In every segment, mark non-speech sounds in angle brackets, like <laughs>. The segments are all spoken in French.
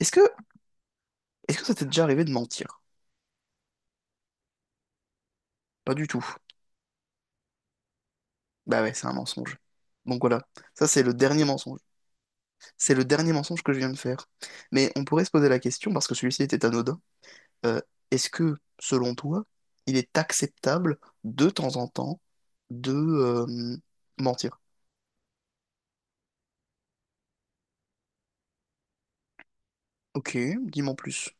Est-ce que, est-ce que ça t'est déjà arrivé de mentir? Pas du tout. Bah ouais, c'est un mensonge. Donc voilà, ça c'est le dernier mensonge. C'est le dernier mensonge que je viens de faire. Mais on pourrait se poser la question, parce que celui-ci était anodin, euh, est-ce que, selon toi, il est acceptable de temps en temps de mentir? Ok, dis-moi en plus.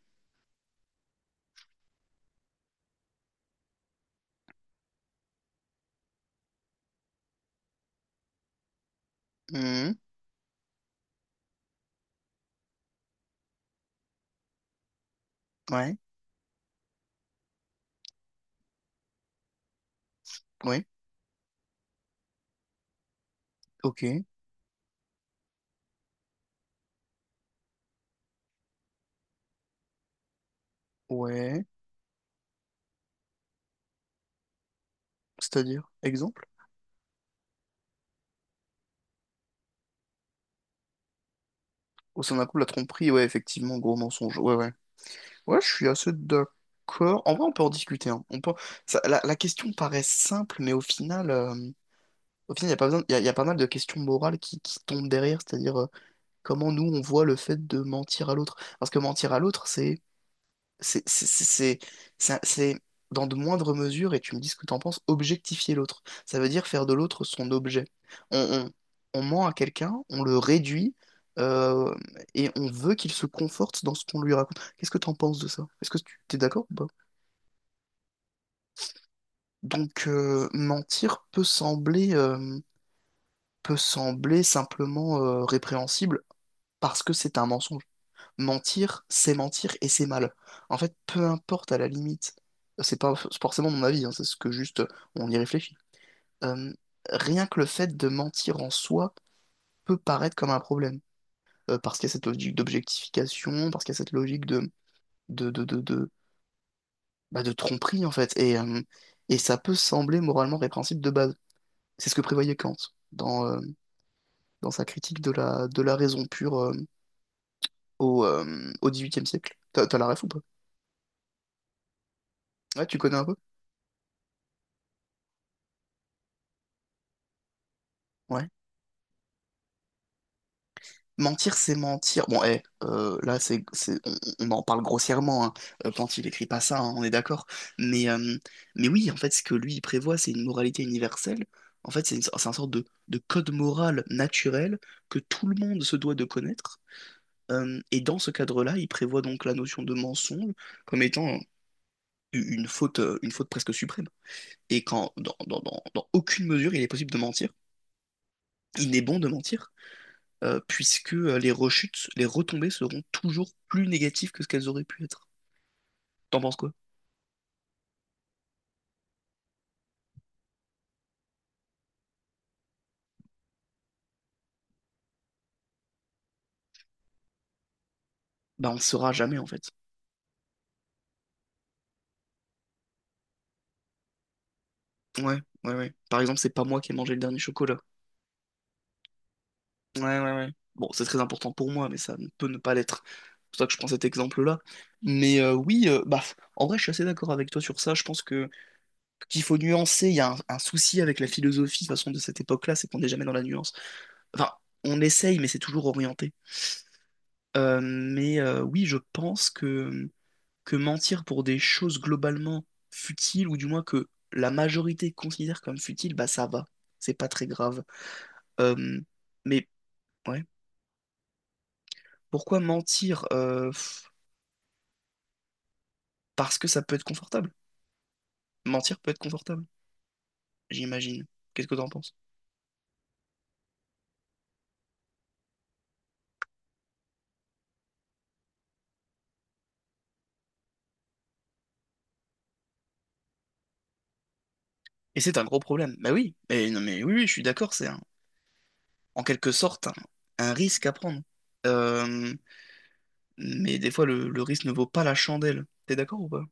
Hmm, ouais, ouais, ok, ouais. C'est-à-dire, exemple? Au sein d'un couple, la tromperie, ouais, effectivement, gros mensonge. Ouais, ouais. Ouais, je suis assez d'accord. En vrai, on peut en discuter, hein. On peut... La question paraît simple, mais au final, il y a pas besoin... il y a pas mal de questions morales qui tombent derrière, c'est-à-dire, comment nous, on voit le fait de mentir à l'autre. Parce que mentir à l'autre, c'est c'est- c'est- c'est- c'est, dans de moindres mesures, et tu me dis ce que t'en penses, objectifier l'autre. Ça veut dire faire de l'autre son objet. On, on ment à quelqu'un, on le réduit, euh, et on veut qu'il se conforte dans ce qu'on lui raconte. Qu'est-ce que t'en penses de ça? Est-ce que tu t'es d'accord ou pas? Donc, mentir peut sembler simplement répréhensible parce que c'est un mensonge. Mentir, c'est mentir et c'est mal. En fait, peu importe à la limite, c'est pas forcément mon avis, hein, c'est ce que juste on y réfléchit. Euh, Rien que le fait de mentir en soi peut paraître comme un problème. Parce qu'il y a cette logique d'objectification, parce qu'il y a cette logique de, bah, de tromperie en fait. Et et ça peut sembler moralement répréhensible de base. C'est ce que prévoyait Kant dans dans sa critique de la, de la raison pure au, au XVIIIe siècle. T'as, t'as la ref ou pas? Ouais, tu connais un peu? Ouais. Mentir, c'est mentir. Bon, là, on en parle grossièrement, hein, quand il écrit pas ça, hein, on est d'accord. Mais mais oui, en fait, ce que lui, il prévoit, c'est une moralité universelle. En fait, c'est un sorte de code moral naturel que tout le monde se doit de connaître. Et dans ce cadre-là, il prévoit donc la notion de mensonge comme étant une faute presque suprême. Et quand, dans aucune mesure, il est possible de mentir, il n'est bon de mentir. Puisque les rechutes, les retombées seront toujours plus négatives que ce qu'elles auraient pu être. T'en penses quoi? Bah on ne saura jamais en fait. Ouais, ouais, ouais. Par exemple, c'est pas moi qui ai mangé le dernier chocolat. Ouais, ouais, ouais. Bon, c'est très important pour moi, mais ça ne peut ne pas l'être. C'est pour ça que je prends cet exemple-là. Mais oui, bah, en vrai, je suis assez d'accord avec toi sur ça. Je pense que qu'il faut nuancer. Il y a un souci avec la philosophie, de toute façon, de cette époque-là, c'est qu'on n'est jamais dans la nuance. Enfin, on essaye, mais c'est toujours orienté. Mais oui, je pense que mentir pour des choses globalement futiles, ou du moins que la majorité considère comme futiles, bah ça va, c'est pas très grave. Euh, mais ouais, pourquoi mentir? Parce que ça peut être confortable. Mentir peut être confortable, j'imagine. Qu'est-ce que t'en penses? Et c'est un gros problème. Bah oui, mais non, mais oui, oui, je suis d'accord, c'est un- en quelque sorte un risque à prendre. Euh, mais des fois, le risque ne vaut pas la chandelle. T'es d'accord ou pas?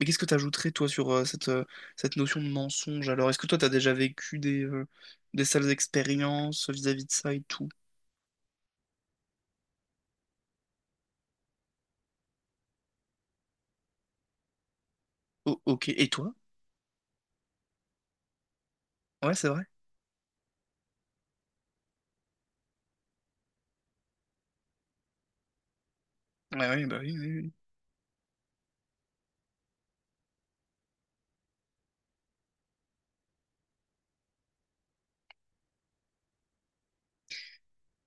Mais qu'est-ce que tu ajouterais, toi, sur cette, cette notion de mensonge? Alors, est-ce que toi, tu as déjà vécu des sales expériences vis-à-vis de ça et tout? Oh, ok. Et toi? Ouais, c'est vrai. Ouais, ouais, bah oui, oui, oui.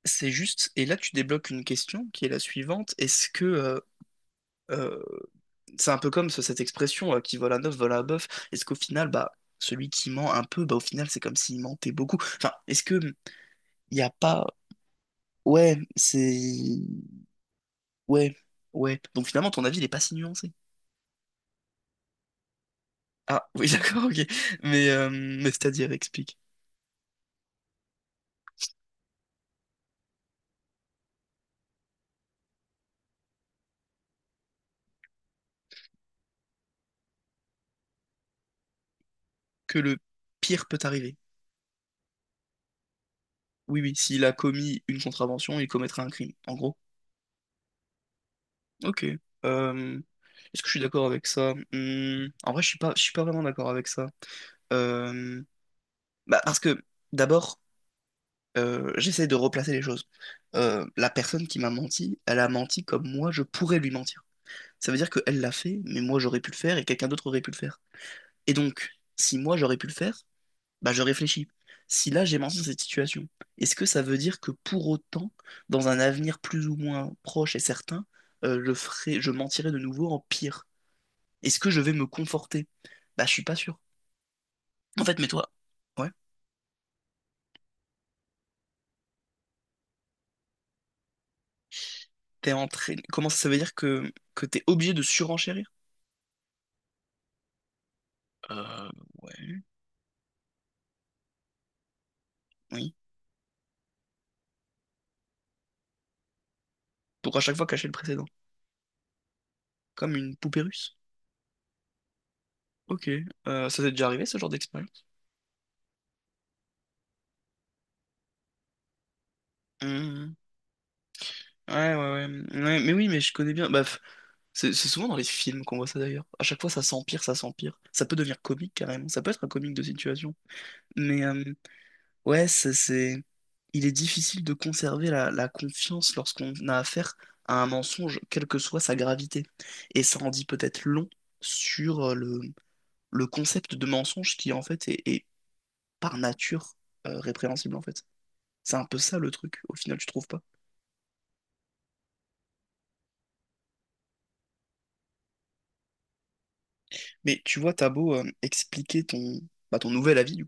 C'est juste. Et là, tu débloques une question qui est la suivante. Est-ce que. Euh, c'est un peu comme ce- cette expression qui vole un œuf, vole un bœuf. Est-ce qu'au final, bah, celui qui ment un peu, bah, au final, c'est comme s'il mentait beaucoup. Enfin, est-ce que. Hmm, il n'y a pas. Ouais, c'est. Ouais, ouais. Donc, finalement, ton avis, il n'est pas si nuancé. Ah, oui, <laughs> d'accord, ok. Mais c'est-à-dire, explique, que le pire peut arriver. Oui, oui, s'il a commis une contravention, il commettra un crime, en gros. Ok. Euh, Est-ce que je suis d'accord avec ça? Hmm, en vrai, je suis pas vraiment d'accord avec ça. Euh, Bah, parce que, d'abord, j'essaie de replacer les choses. La personne qui m'a menti, elle a menti comme moi, je pourrais lui mentir. Ça veut dire qu'elle l'a fait, mais moi j'aurais pu le faire et quelqu'un d'autre aurait pu le faire. Et donc, si moi j'aurais pu le faire, bah, je réfléchis. Si là j'ai menti dans cette situation, est-ce que ça veut dire que pour autant, dans un avenir plus ou moins proche et certain, je ferai, je mentirai de nouveau en pire? Est-ce que je vais me conforter? Bah, je suis pas sûr. En fait, mais toi, ouais, t'es entraîné. Comment ça, ça veut dire que t'es obligé de surenchérir? Euh, ouais. Oui. Pour à chaque fois cacher le précédent. Comme une poupée russe. Ok. Ça t'est déjà arrivé ce genre d'expérience? Mhm. Ouais, ouais, ouais. Ouais, mais oui, mais je connais bien. Bah, c'est souvent dans les films qu'on voit ça d'ailleurs. À chaque fois, ça s'empire, ça s'empire. Ça peut devenir comique carrément. Ça peut être un comique de situation. Mais ouais, c'est- il est difficile de conserver la, la confiance lorsqu'on a affaire à un mensonge, quelle que soit sa gravité. Et ça en dit peut-être long sur le concept de mensonge qui en fait est, est par nature répréhensible en fait. C'est un peu ça le truc, au final, tu trouves pas? Mais tu vois, t'as beau expliquer ton, bah, ton nouvel avis,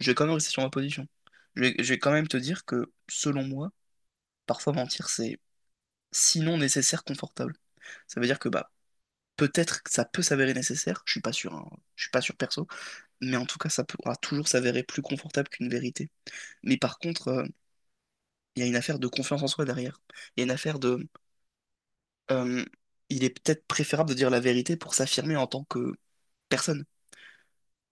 je vais quand même rester sur ma position. Je vais quand même te dire que, selon moi, parfois mentir, c'est sinon nécessaire, confortable. Ça veut dire que bah peut-être que ça peut s'avérer nécessaire, je suis pas sûr, hein, je suis pas sûr perso, mais en tout cas, ça pourra toujours s'avérer plus confortable qu'une vérité. Mais par contre, il y a une affaire de confiance en soi derrière. Il y a une affaire de... euh, il est peut-être préférable de dire la vérité pour s'affirmer en tant que personne.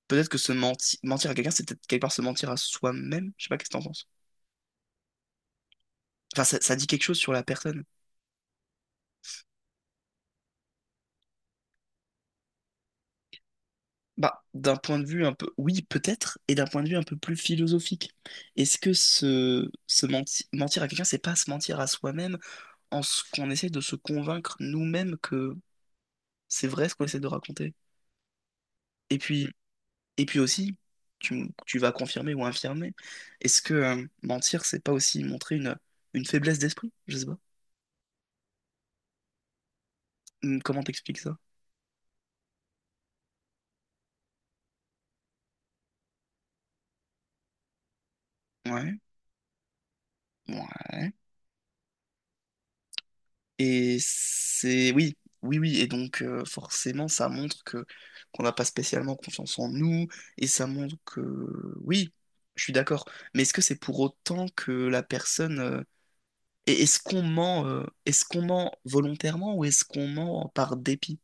Peut-être que se menti- mentir à quelqu'un, c'est peut-être quelque part se mentir à soi-même. Je sais pas qu'est-ce que t'en penses. Enfin, ça dit quelque chose sur la personne. Bah, d'un point de vue un peu, oui, peut-être, et d'un point de vue un peu plus philosophique. Est-ce que se menti- mentir à quelqu'un, c'est pas se mentir à soi-même en ce qu'on essaie de se convaincre nous-mêmes que c'est vrai ce qu'on essaie de raconter? Et puis, et puis aussi, tu, m- tu vas confirmer ou infirmer, est-ce que mentir, c'est pas aussi montrer une faiblesse d'esprit? Je sais pas. Comment t'expliques ça? Ouais, ouais. Et c'est oui, oui, oui. Et donc forcément, ça montre que qu'on n'a pas spécialement confiance en nous, et ça montre que oui, je suis d'accord. Mais est-ce que c'est pour autant que la personne et est-ce qu'on ment volontairement ou est-ce qu'on ment par dépit?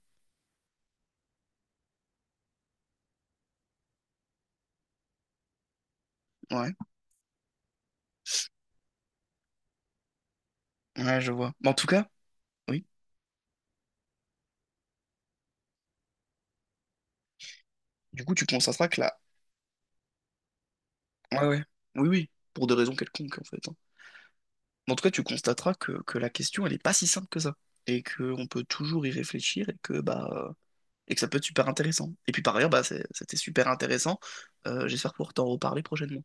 Ouais, ouais, je vois. Mais en tout cas, oui. Du coup, tu constateras que la ouais, ouais, oui, oui, pour des raisons quelconques en fait, hein. Mais en tout cas, tu constateras que la question, elle est pas si simple que ça. Et qu'on peut toujours y réfléchir et que bah et que ça peut être super intéressant. Et puis par ailleurs, bah, c'est- c'était super intéressant. J'espère pouvoir t'en reparler prochainement.